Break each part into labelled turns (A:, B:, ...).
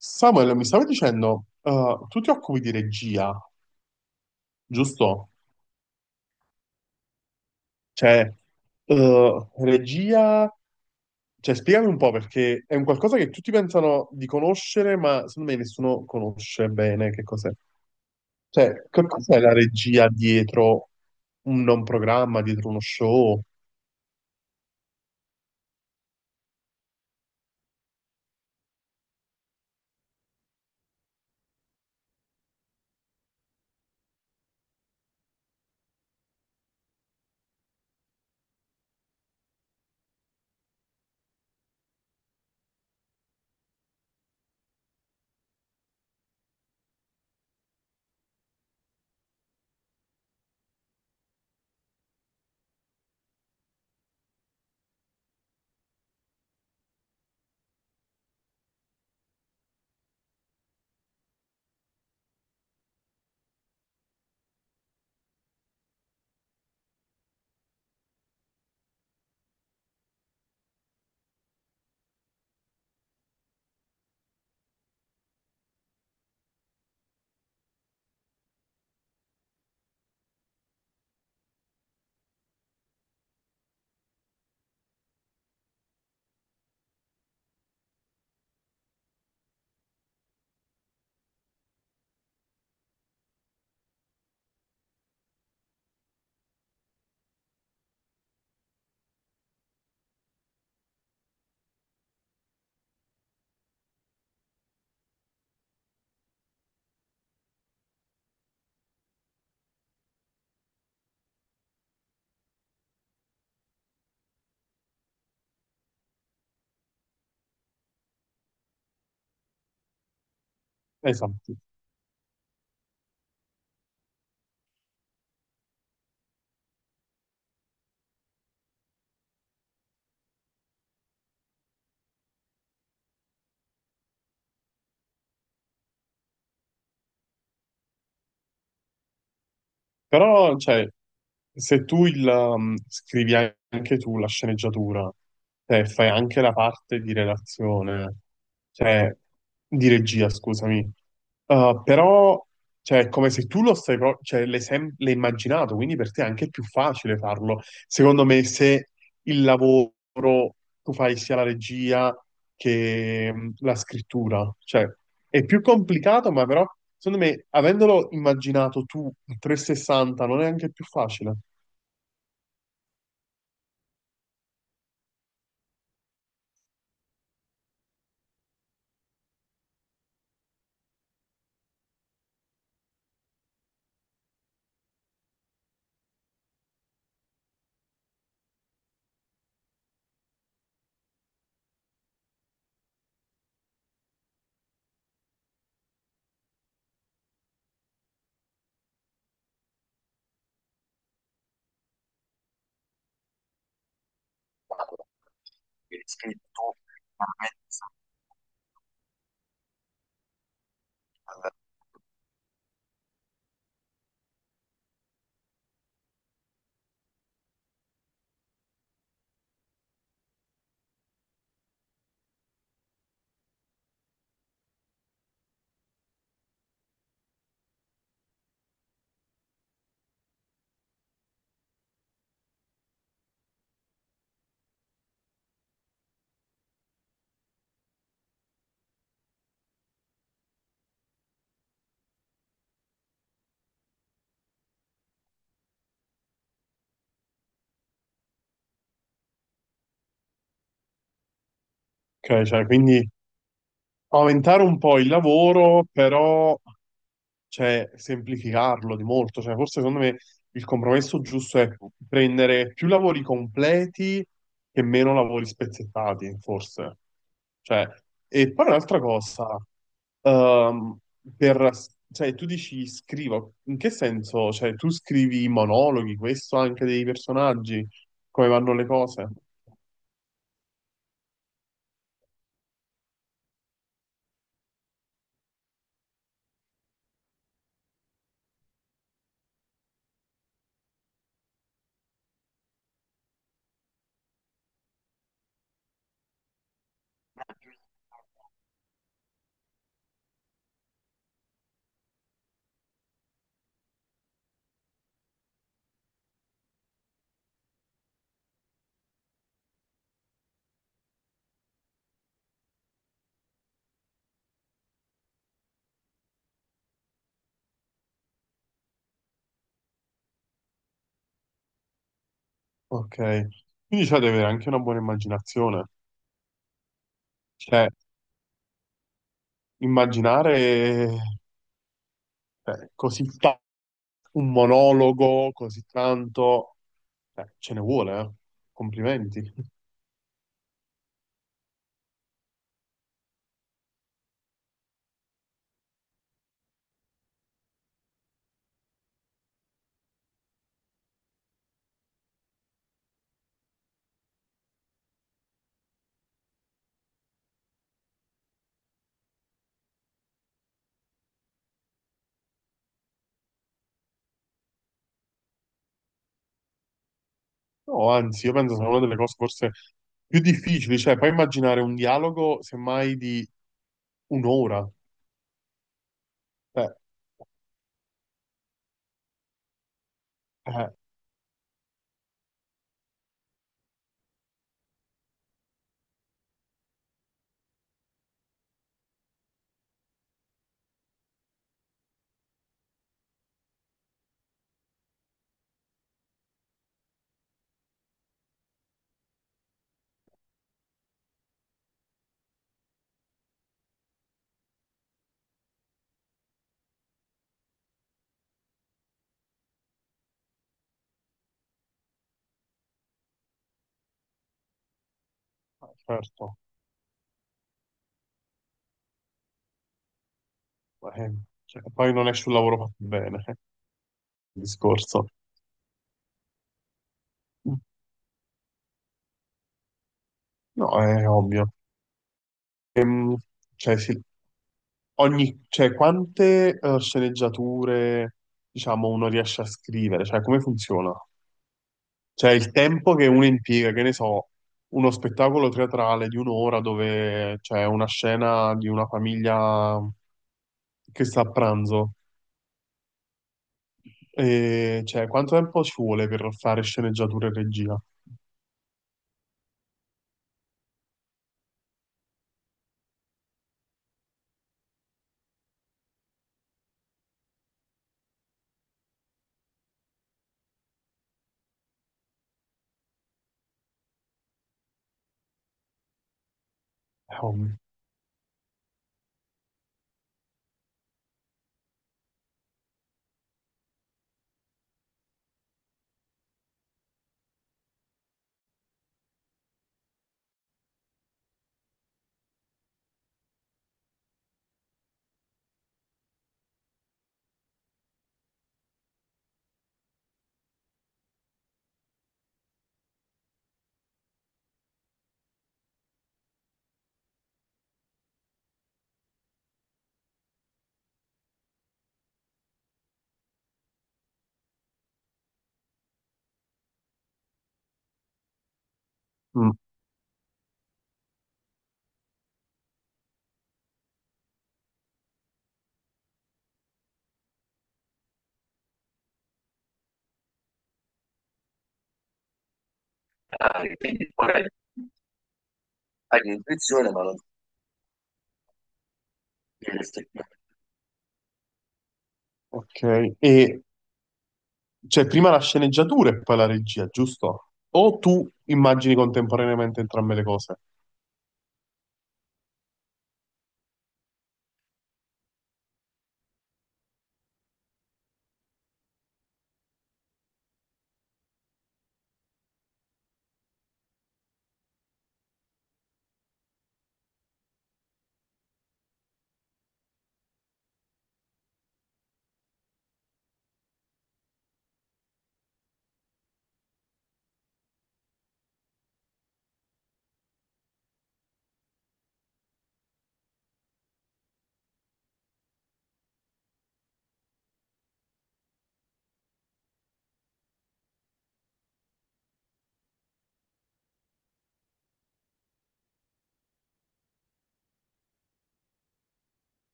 A: Samuel, mi stavi dicendo, tu ti occupi di regia, giusto? Cioè, regia, cioè, spiegami un po' perché è un qualcosa che tutti pensano di conoscere, ma secondo me nessuno conosce bene che cos'è. Cioè, che cos'è la regia dietro un programma, dietro uno show? Esatto. Però, cioè, se tu scrivi anche tu la sceneggiatura, cioè, fai anche la parte di relazione, cioè, di regia, scusami, però, cioè, è come se tu lo stai, pro- cioè, l'hai immaginato, quindi per te è anche più facile farlo. Secondo me, se il lavoro tu fai sia la regia che la scrittura, cioè, è più complicato, ma però, secondo me, avendolo immaginato tu in 360, non è anche più facile. Ok, cioè, quindi aumentare un po' il lavoro, però cioè, semplificarlo di molto. Cioè, forse secondo me il compromesso giusto è prendere più lavori completi e meno lavori spezzettati, forse. Cioè, e poi un'altra cosa, ehm, per, cioè, tu dici scrivo, in che senso? Cioè, tu scrivi i monologhi, questo anche dei personaggi? Come vanno le cose. Ok. Quindi c'è da avere anche una buona immaginazione. Cioè, immaginare così tanto, un monologo, così tanto, ce ne vuole, eh. Complimenti. No, anzi, io penso sia una delle cose forse più difficili, cioè puoi immaginare un dialogo semmai di un'ora. Cioè, eh, certo, eh, cioè, poi non esce un lavoro fatto bene, il discorso. No, è ovvio. Ehm, cioè, sì, ogni, cioè, quante sceneggiature, diciamo, uno riesce a scrivere? Cioè, come funziona? Cioè, il tempo che uno impiega, che ne so, uno spettacolo teatrale di un'ora dove c'è una scena di una famiglia che sta a pranzo. E, cioè, quanto tempo ci vuole per fare sceneggiatura e regia? Oh, mm. Ah, quindi poi hai l'intuizione, ma non devi effettivamente. Ok. E c'è prima la sceneggiatura e poi la regia, giusto? O tu immagini contemporaneamente entrambe le cose?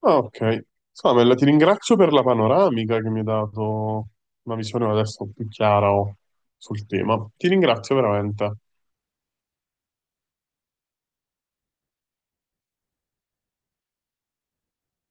A: Ah, ok. Samuel, ti ringrazio per la panoramica che mi hai dato una visione adesso più chiara oh, sul tema. Ti ringrazio veramente.